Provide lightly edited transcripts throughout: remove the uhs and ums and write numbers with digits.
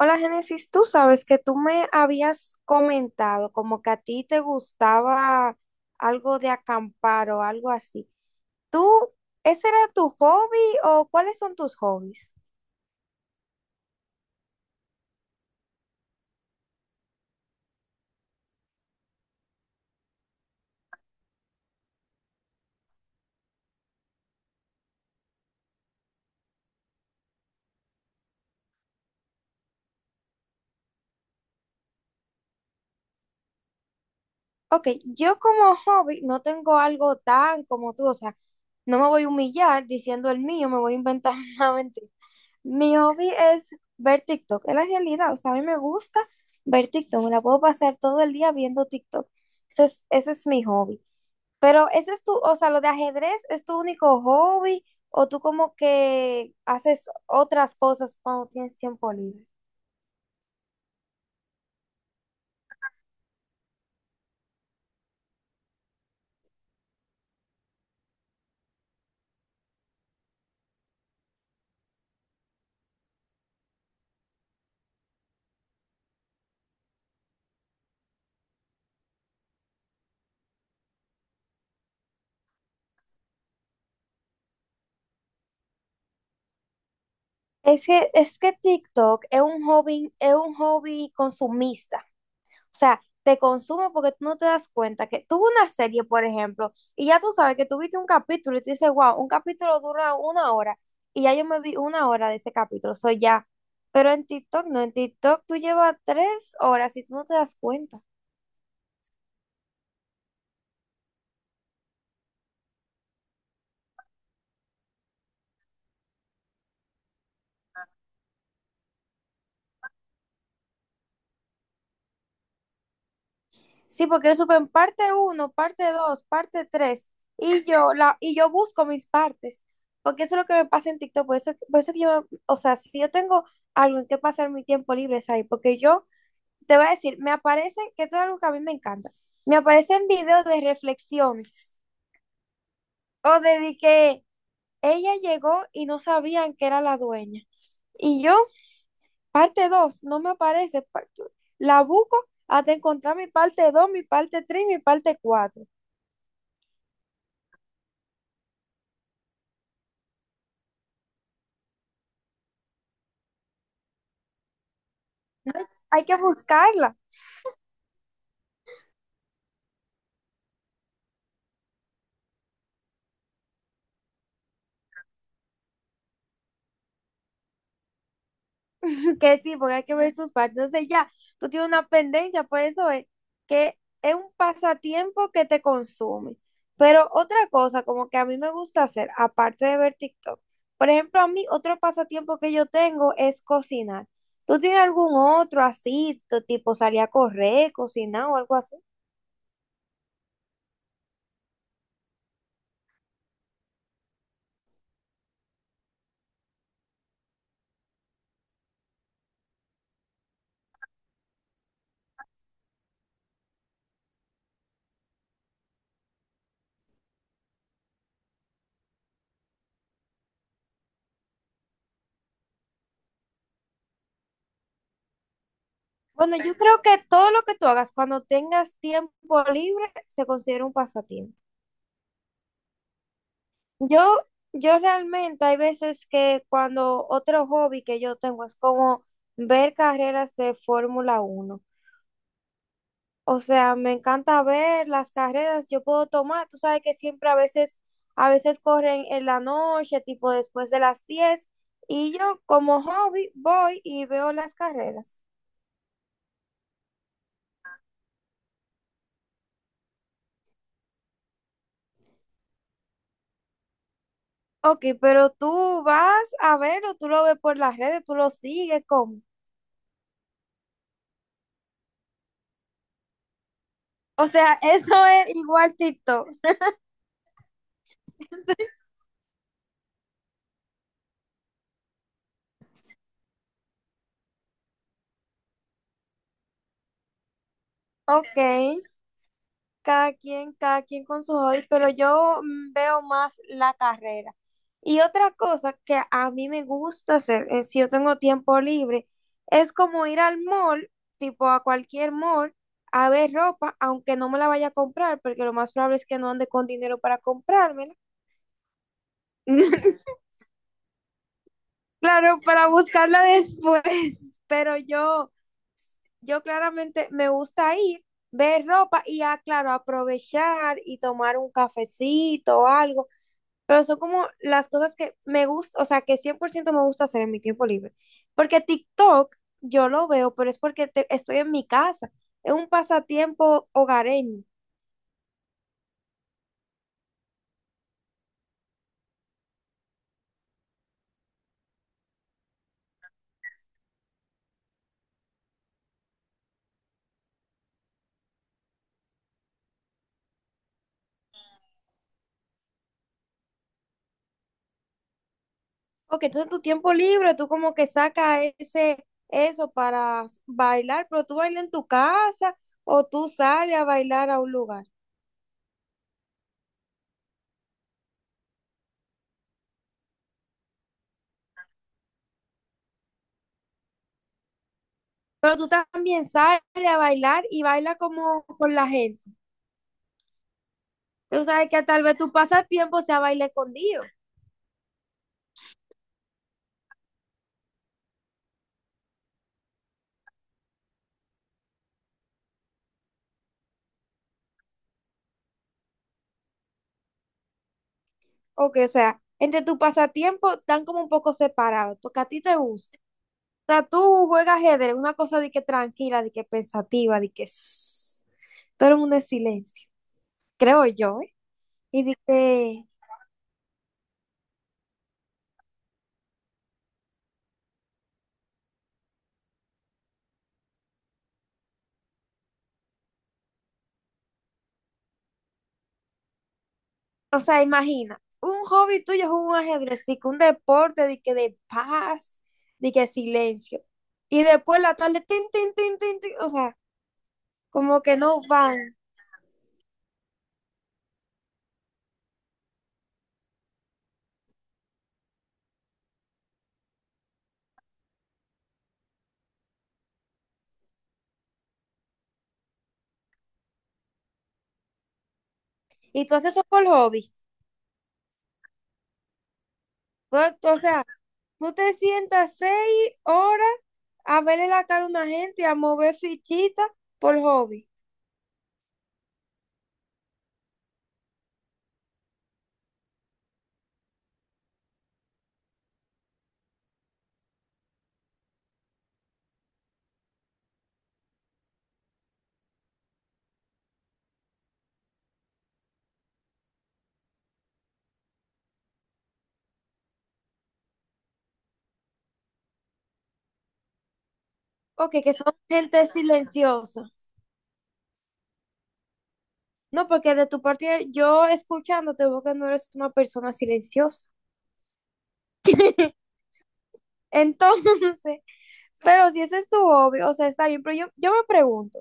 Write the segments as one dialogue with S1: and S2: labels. S1: Hola, Génesis, tú sabes que tú me habías comentado como que a ti te gustaba algo de acampar o algo así. ¿Tú, ese era tu hobby o cuáles son tus hobbies? Ok, yo como hobby no tengo algo tan como tú, o sea, no me voy a humillar diciendo el mío, me voy a inventar una mentira. Mi hobby es ver TikTok, es la realidad, o sea, a mí me gusta ver TikTok, me la puedo pasar todo el día viendo TikTok. Ese es mi hobby. Pero ese es tu, o sea, lo de ajedrez es tu único hobby o tú como que haces otras cosas cuando tienes tiempo libre. Es que TikTok es un hobby consumista. O sea, te consume porque tú no te das cuenta que tuvo una serie, por ejemplo, y ya tú sabes que tuviste un capítulo y tú dices, wow, un capítulo dura 1 hora y ya yo me vi 1 hora de ese capítulo, soy ya. Pero en TikTok no, en TikTok tú llevas 3 horas y tú no te das cuenta. Sí, porque yo supe en parte uno parte 2 parte 3 y yo busco mis partes, porque eso es lo que me pasa en TikTok, por eso que yo, o sea, si yo tengo algo en que pasar mi tiempo libre es ahí, porque yo te voy a decir, me aparecen, que esto es algo que a mí me encanta, me aparecen videos de reflexiones, o de que ella llegó y no sabían que era la dueña, y yo, parte 2 no me aparece, la busco hasta encontrar mi parte 2 mi parte 3 mi parte 4 hay que buscarla, que sí, porque hay que ver sus partes. Entonces ya, tú tienes una pendencia, por eso es que es un pasatiempo que te consume. Pero otra cosa, como que a mí me gusta hacer, aparte de ver TikTok, por ejemplo, a mí otro pasatiempo que yo tengo es cocinar. ¿Tú tienes algún otro así, tipo salir a correr, cocinar o algo así? Bueno, yo creo que todo lo que tú hagas cuando tengas tiempo libre se considera un pasatiempo. Yo, yo realmente hay veces que cuando otro hobby que yo tengo es como ver carreras de Fórmula 1. O sea, me encanta ver las carreras, yo puedo tomar, tú sabes que siempre a veces corren en la noche, tipo después de las 10, y yo como hobby voy y veo las carreras. Ok, pero tú vas a verlo, tú lo ves por las redes, tú lo sigues, ¿cómo? O sea, eso es igual TikTok. Ok. Cada quien con sus hobbies, pero yo veo más la carrera. Y otra cosa que a mí me gusta hacer, si yo tengo tiempo libre, es como ir al mall, tipo a cualquier mall, a ver ropa, aunque no me la vaya a comprar, porque lo más probable es que no ande con dinero para comprármela. Claro, para buscarla después, pero yo claramente me gusta ir, ver ropa y ya, claro, aprovechar y tomar un cafecito o algo. Pero son como las cosas que me gusta, o sea, que 100% me gusta hacer en mi tiempo libre. Porque TikTok yo lo veo, pero es porque estoy en mi casa, es un pasatiempo hogareño. Porque entonces tu tiempo libre, tú como que sacas ese, eso para bailar, pero tú bailas en tu casa o tú sales a bailar a un lugar. Pero tú también sales a bailar y baila como con la gente. Tú sabes que tal vez tu pasatiempo sea bailar escondido. Ok, o sea, entre tu pasatiempo están como un poco separados, porque a ti te gusta. O sea, tú juegas ajedrez, una cosa de que tranquila, de que pensativa, de que shh, todo el mundo en silencio, creo yo, ¿eh? Y de que, o sea, imagina, un hobby tuyo es un ajedrez, de que un deporte, de que de paz, de que silencio. Y después la tarde, tin, tin, tin, tin, tin, o sea, como que no van. Y tú haces eso por hobby. Pues, o sea, tú te sientas 6 horas a verle la cara a una gente, y a mover fichitas por hobby. Ok, que son gente silenciosa. No, porque de tu parte yo escuchándote veo que no eres una persona silenciosa. Entonces, pero si ese es tu hobby, o sea, está bien, pero yo me pregunto,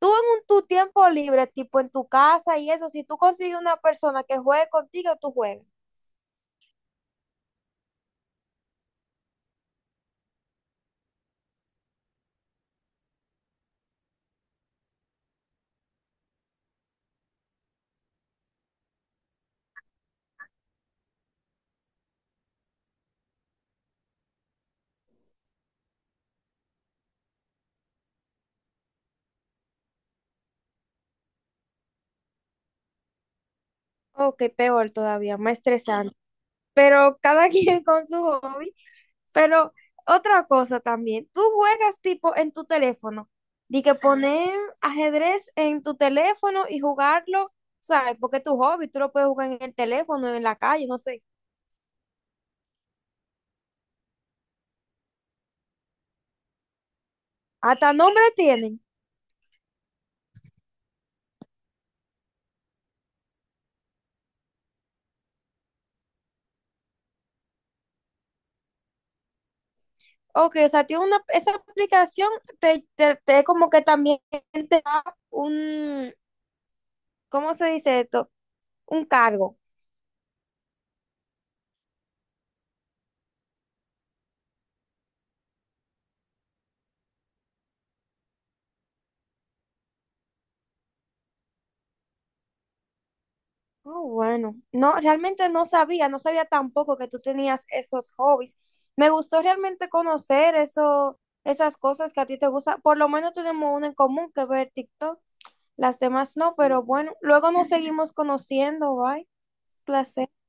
S1: tú en tu tiempo libre, tipo en tu casa y eso, si tú consigues una persona que juegue contigo, tú juegas. Ok, peor todavía, más estresante. Pero cada quien con su hobby. Pero otra cosa también, tú juegas tipo en tu teléfono, de que poner ajedrez en tu teléfono y jugarlo, ¿sabes? Porque es tu hobby, tú lo puedes jugar en el teléfono, en la calle, no sé. Hasta nombre tienen. Ok, o sea, tiene una, esa aplicación te como que también te da un, ¿cómo se dice esto? Un cargo. Ah, bueno. No, realmente no sabía, no sabía tampoco que tú tenías esos hobbies. Me gustó realmente conocer eso, esas cosas que a ti te gustan. Por lo menos tenemos una en común que ver TikTok. Las demás no, pero bueno, luego nos seguimos conociendo, bye. Placer.